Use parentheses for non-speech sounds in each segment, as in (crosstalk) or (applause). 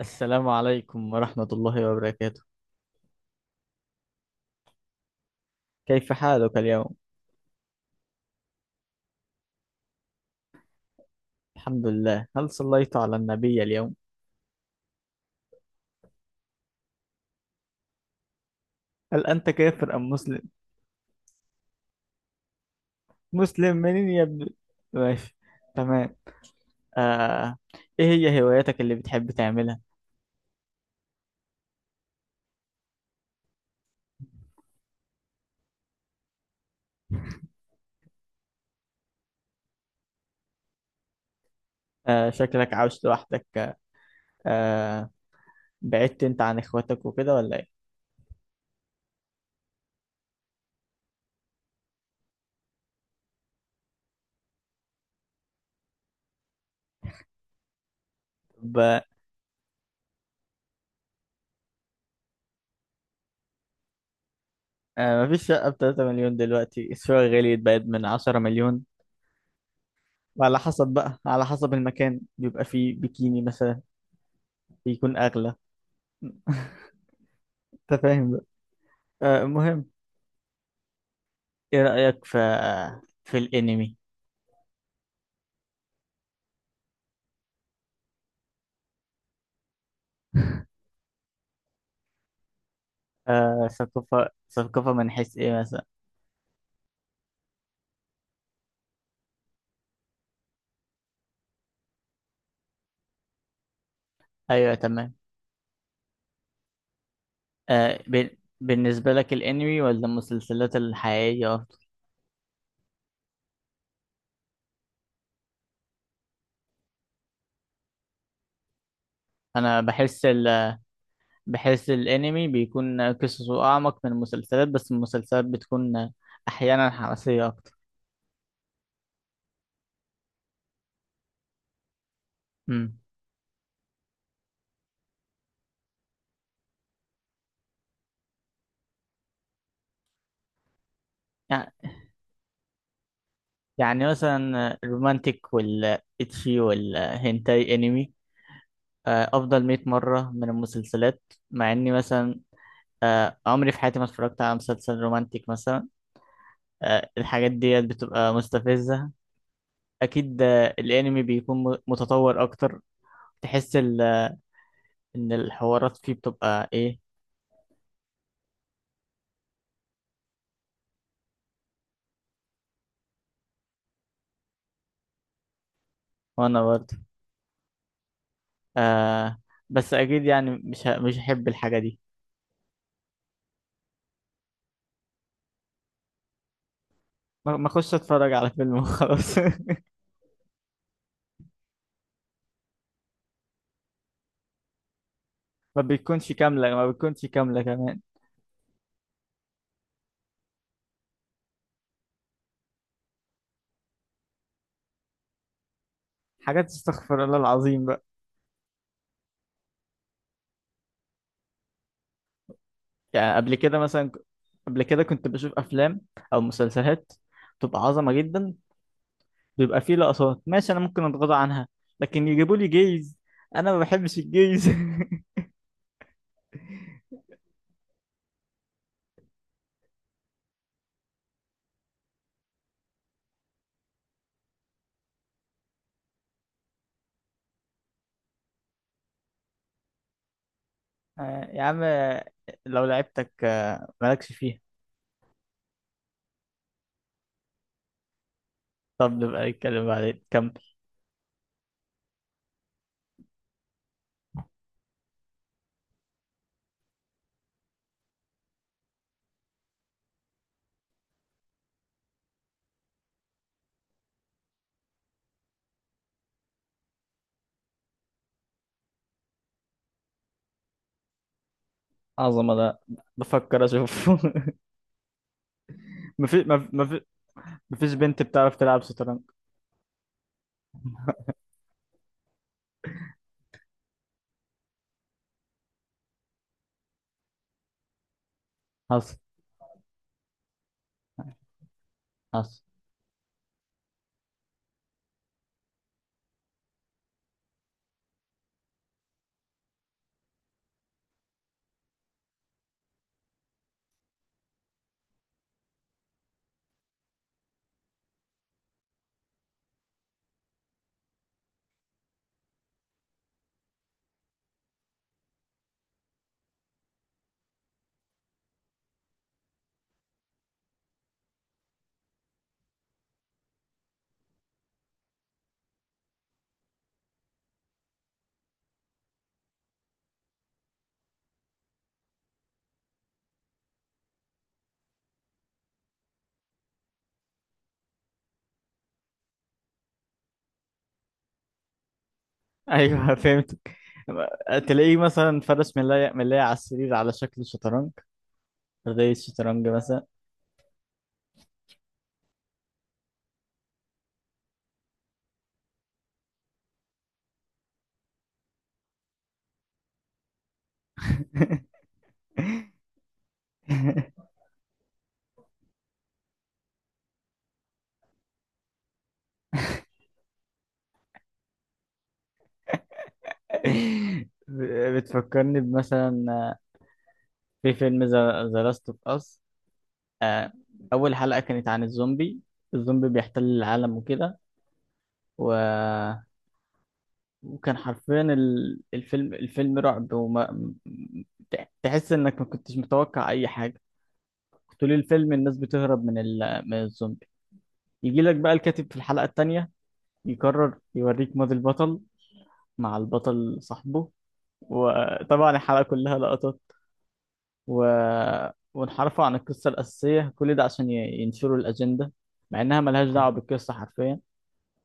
السلام عليكم ورحمة الله وبركاته. كيف حالك اليوم؟ الحمد لله. هل صليت على النبي اليوم؟ هل أنت كافر أم مسلم؟ مسلم منين يا ابني؟ ماشي. تمام. آه. إيه هي هواياتك اللي بتحب تعملها؟ آه. شكلك عاوش لوحدك. آه. بعدت أنت عن إخواتك وكده ولا إيه؟ ب... آه. مفيش شقة بتلاتة مليون دلوقتي. الشقة غليت بقت من عشرة مليون. وعلى حسب بقى على حسب المكان بيبقى فيه بيكيني مثلا. بيكون أغلى. (laughs) أنت فاهم. المهم، ايه رأيك في الانمي؟ ثقافة ثقافة من حيث ايه مثلا؟ ايوه، تمام. بالنسبة لك الانمي ولا المسلسلات الحقيقية افضل؟ انا بحس بحس الانمي بيكون قصصه اعمق من المسلسلات، بس المسلسلات بتكون احيانا حماسية اكتر. امم. يع- يعني مثلا الرومانتيك والاتشي والهنتاي انمي افضل 100 مرة من المسلسلات. مع اني مثلا عمري في حياتي ما اتفرجت على مسلسل رومانتيك مثلا. الحاجات ديت بتبقى مستفزة. أكيد الأنمي بيكون متطور أكتر. تحس إن الحوارات فيه بتبقى إيه؟ وأنا برضه. آه. بس أكيد يعني مش هحب الحاجة دي. ما أخش أتفرج على فيلم وخلاص. (laughs) ما بتكونش كاملة، ما بتكونش كاملة كمان. حاجات استغفر الله العظيم بقى. يعني قبل كده كنت بشوف أفلام أو مسلسلات بتبقى عظمة جدا. بيبقى فيه لقطات ماشي انا ممكن اتغاضى عنها. لكن يجيبوا لي جيز. انا ما بحبش الجيز. (laughs) يا عم لو لعبتك مالكش فيها. طب نبقى نتكلم بعدين. كمل. عظمة ده. بفكر اشوفه. (laughs) مفيش مف- مف- مفيش بنت بتعرف تلعب شطرنج. حصل. حصل. ايوه، (laughs) فهمتك. تلاقيه مثلا فرش ملاية ملاية على السرير على شكل شطرنج، زي الشطرنج مثلا. (laughs) بتفكرني بمثلا في فيلم ذا لاست اوف اس. آه، أول حلقة كانت عن الزومبي. الزومبي بيحتل العالم وكده. و... وكان حرفيا الفيلم رعب. تحس إنك ما كنتش متوقع أي حاجة. طول الفيلم الناس بتهرب من الزومبي. يجي لك بقى الكاتب في الحلقة التانية يقرر يوريك ماضي البطل، مع البطل صاحبه. وطبعا الحلقة كلها لقطات. و... وانحرفوا عن القصة الأساسية، كل ده عشان ينشروا الأجندة. مع إنها ملهاش دعوة بالقصة حرفيا.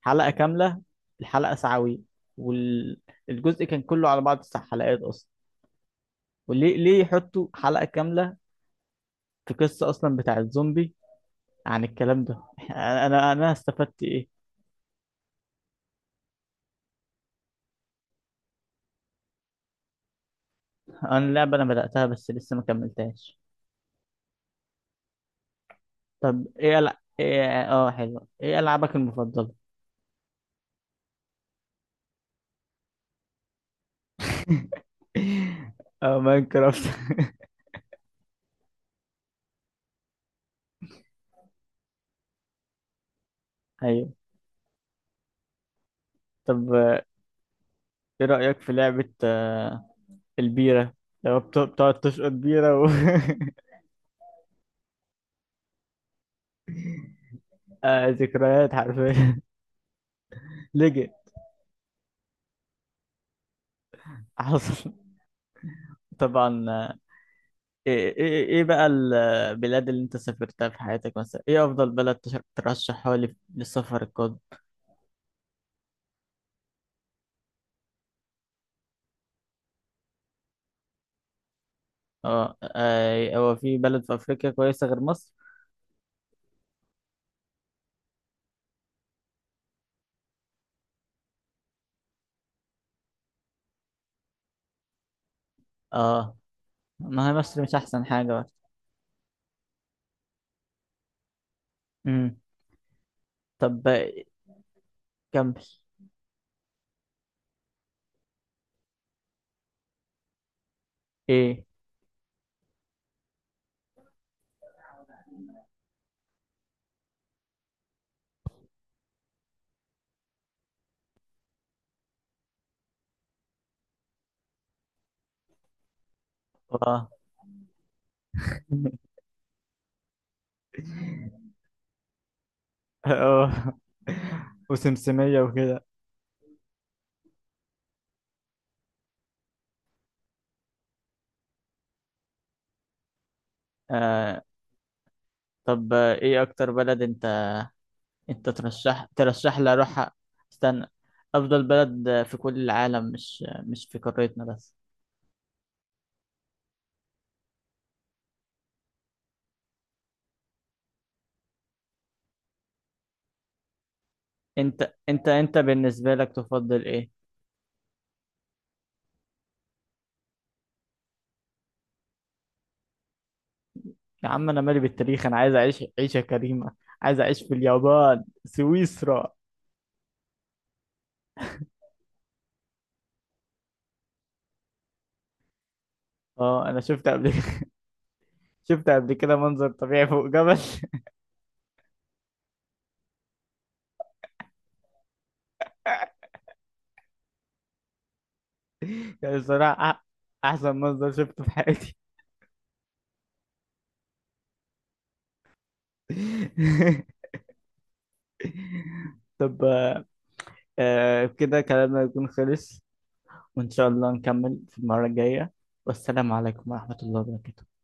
حلقة كاملة، الحلقة ساعوي، والجزء كان كله على بعض تسع حلقات أصلا. وليه ليه يحطوا حلقة كاملة في قصة أصلا بتاع الزومبي عن الكلام ده؟ (laughs) أنا استفدت إيه؟ أنا اللعبة أنا بدأتها بس لسه ما كملتهاش. طب إيه؟ آه، حلو. إيه ألعابك المفضلة؟ (laughs) آه، ماينكرافت. (laughs) أيوه. طب إيه رأيك في لعبة البيرة؟ لو بتقعد تشقط بيرة و (laughs) ذكريات حرفيا. (laughs) ليجن. حصل. (laughs) طبعا. ايه ايه إيه بقى البلاد اللي انت سافرتها في حياتك مثلا؟ ايه افضل بلد ترشحها لي للسفر القادم؟ اه، هو في بلد في افريقيا كويسة غير مصر؟ اه، ما هي مصر مش احسن حاجة بقى. امم. طب كمل. ايه؟ اه. (laughs) اه، وسمسمية وكده. آه. طب ايه اكتر بلد انت ترشح لي اروحها؟ استنى. افضل بلد في كل العالم، مش في قارتنا بس. انت بالنسبة لك تفضل ايه؟ يا عم انا مالي بالتاريخ. انا عايز اعيش عيشة كريمة. عايز اعيش في اليابان، سويسرا. اه، انا شفت قبل. (laughs) شفت قبل كده منظر طبيعي فوق جبل. (laughs) يعني بصراحة احسن منظر شفته في حياتي. (laughs) طب. كده كلامنا يكون خلص. وان شاء الله نكمل في المرة الجاية. والسلام عليكم ورحمة الله وبركاته.